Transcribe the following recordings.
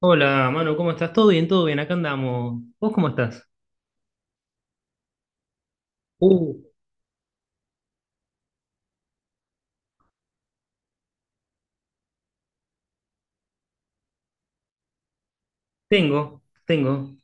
Hola, Manu, ¿cómo estás? ¿Todo bien? ¿Todo bien? Acá andamos. ¿Vos cómo estás? Uh, tengo.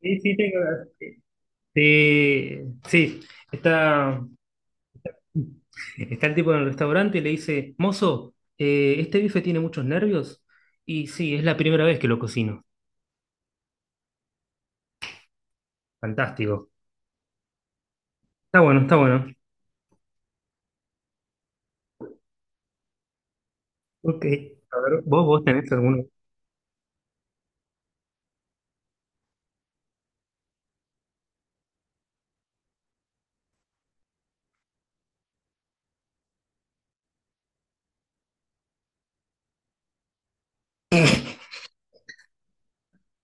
Sí, sí, tengo. Sí, está, está el tipo en el restaurante y le dice, mozo, este bife tiene muchos nervios. Y sí, es la primera vez que lo cocino. Fantástico. Está bueno, está bueno. Ok. A ver, ¿vos tenés alguno?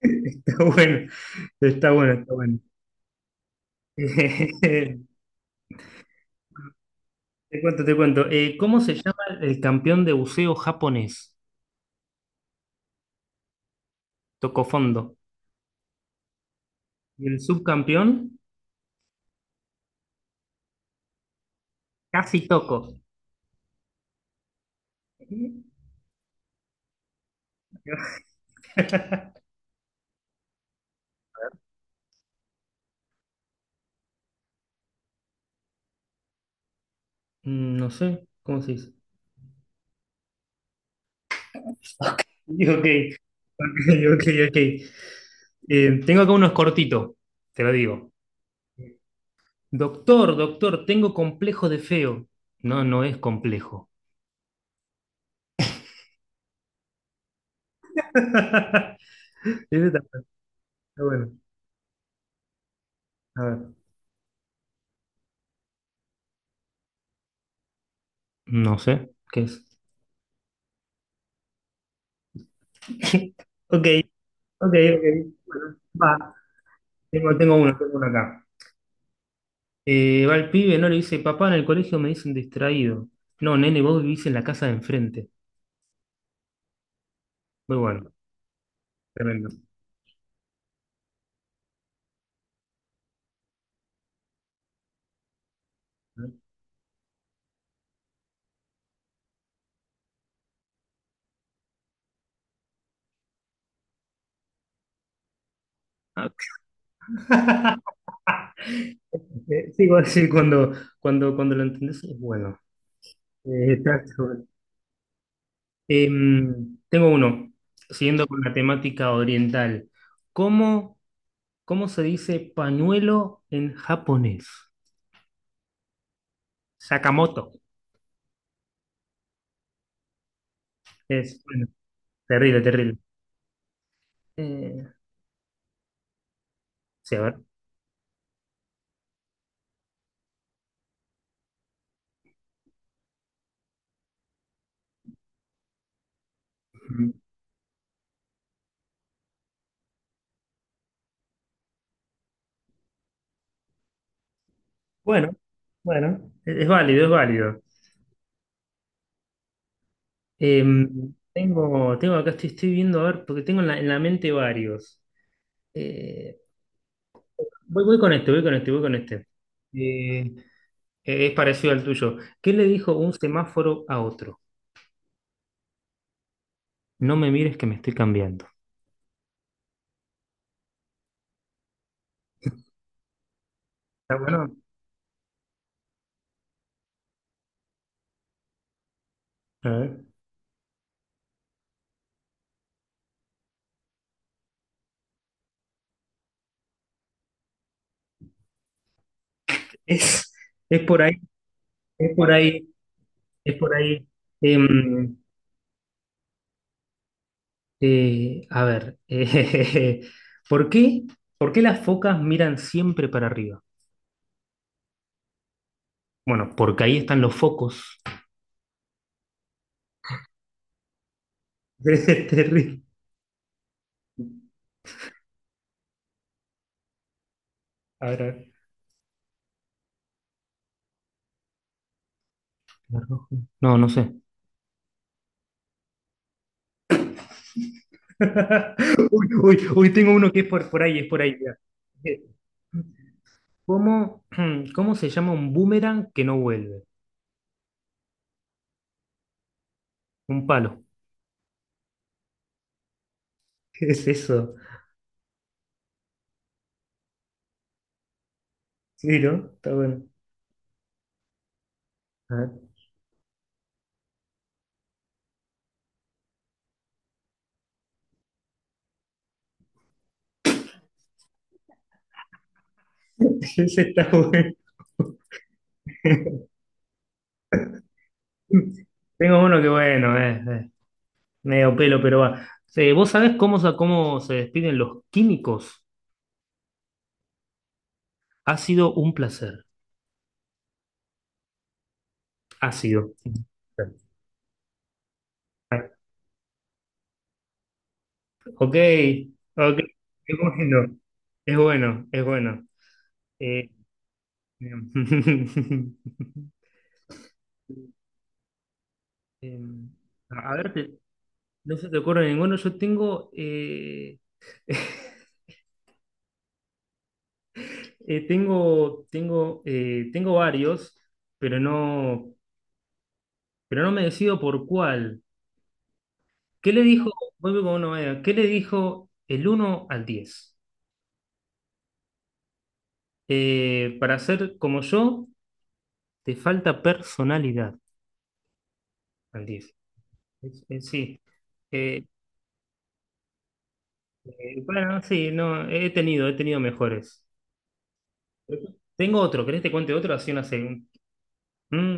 Está bueno, está bueno, está bueno. Te cuento, te cuento. ¿Cómo se llama el campeón de buceo japonés? Tocó fondo. Y el subcampeón, casi toco. Mm, no sé, ¿cómo se dice? Ok, ok, ok. Tengo acá unos cortitos, te lo digo. Doctor, doctor, tengo complejo de feo. No, no es complejo. Ese está bueno. A ver. No sé, ¿qué es? Ok, ok, ok. Bueno, va. Tengo uno acá. Va el pibe, no le dice, papá, en el colegio me dicen distraído. No, nene, vos vivís en la casa de enfrente. Muy bueno, tremendo. Ah, sí, bueno, sí, cuando lo entendés es bueno. Está bueno. Tengo uno, siguiendo con la temática oriental. ¿Cómo, ¿cómo se dice pañuelo en japonés? Sakamoto. Es bueno, terrible, terrible. Eh, sí, a ver. Bueno, bueno, es válido, es válido. Tengo acá, estoy viendo, a ver, porque tengo en en la mente varios. Eh, voy con este. Eh, es parecido al tuyo. ¿Qué le dijo un semáforo a otro? No me mires que me estoy cambiando. ¿Está bueno? A ver. Es, es por ahí, es por ahí, es por ahí. Em, a ver, ¿por qué? ¿Por qué las focas miran siempre para arriba? Bueno, porque ahí están los focos. Es terrible. A ver, a ver. Rojo. No, no sé. Uy, uy, uy, tengo uno que es por ahí, es por ahí. Mira. Eh, ¿Cómo, ¿cómo se llama un boomerang que no vuelve? Un palo. ¿Qué es eso? Sí, ¿no? Está bueno. A ver. Ese está bueno. Tengo uno que bueno, medio pelo, pero va. Sí, ¿vos sabés cómo, sa- ¿cómo se despiden los químicos? Ha sido un placer. Ha sido. Ok, ok, es bueno, es bueno, es bueno. Eh, em, em, a ver, no se te ocurre ninguno. Yo tengo, tengo varios, pero pero no me decido por cuál. ¿Qué le dijo? Vuelvo con una manera. ¿Qué le dijo el uno al 10? Para ser como yo, te falta personalidad al 10. Sí. Eh, bueno, sí, no, he tenido mejores. Tengo otro, ¿querés te cuente otro? Así una segunda. Mm,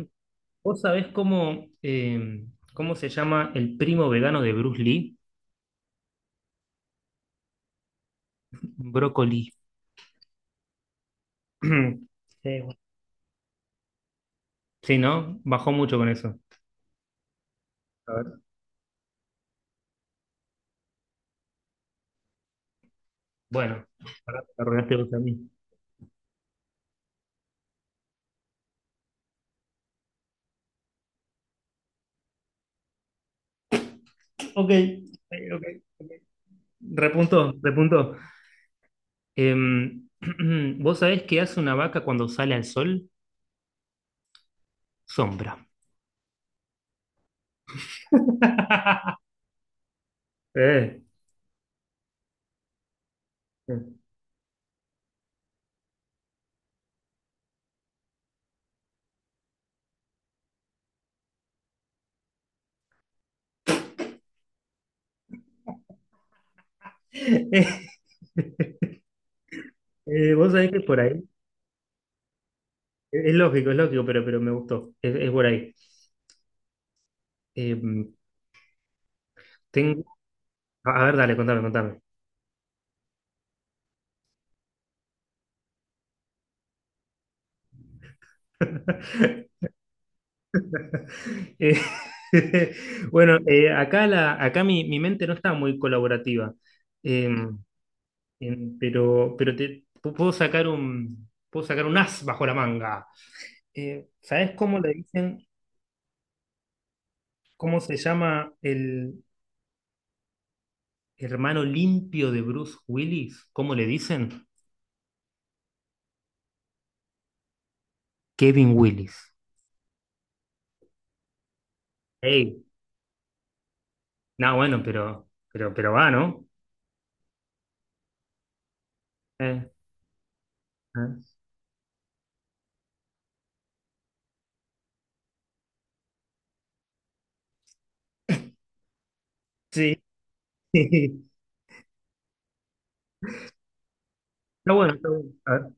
¿vos sabés cómo, eh, ¿cómo se llama el primo vegano de Bruce Lee? Brócoli. Sí, bueno. Sí, ¿no? Bajó mucho con eso. A ver. Bueno, ahora me arruinaste vos a mí. Ok, ok, ok. Repuntó, repuntó. Em, ¿vos sabés qué hace una vaca cuando sale al sol? Sombra. Eh. Vos sabés que es por ahí, es lógico, pero me gustó, es por ahí. Eh, tengo, a ver, dale, contame, contame. Eh, bueno, acá mi mente no está muy colaborativa. Eh, pero puedo sacar un as bajo la manga. ¿Sabés cómo le dicen, ¿cómo se llama el hermano limpio de Bruce Willis? ¿Cómo le dicen? Kevin Willis. No, bueno, pero va, ¿no? Eh, eh, Sí. Está bueno, está bueno. A ver.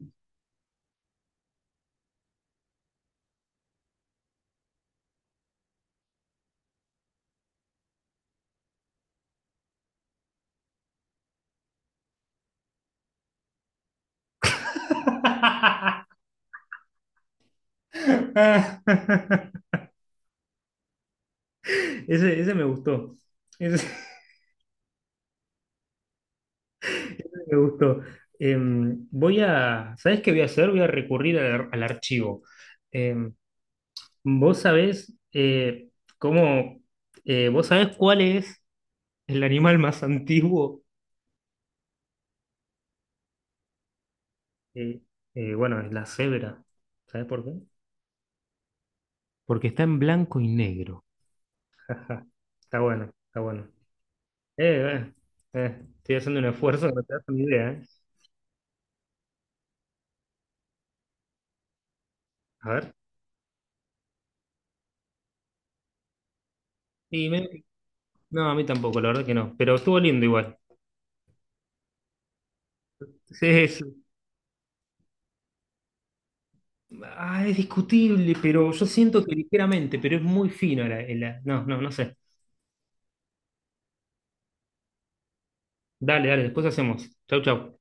Ese me gustó. Ese me gustó. ¿Sabes qué voy a hacer? Voy a recurrir al archivo. Em, vos sabés eh, cómo, vos sabés cuál es el animal más antiguo. Eh, bueno, es la cebra. ¿Sabés por qué? Porque está en blanco y negro. Ajá. Está bueno, está bueno. Eh, eh, estoy haciendo un esfuerzo, no te das una idea, ¿eh? A ver. Y me- no, a mí tampoco, la verdad que no. Pero estuvo lindo igual. Sí, sí. Ah, es discutible, pero yo siento que ligeramente, pero es muy fino no, no, no sé. Dale, dale, después hacemos. Chau, chau.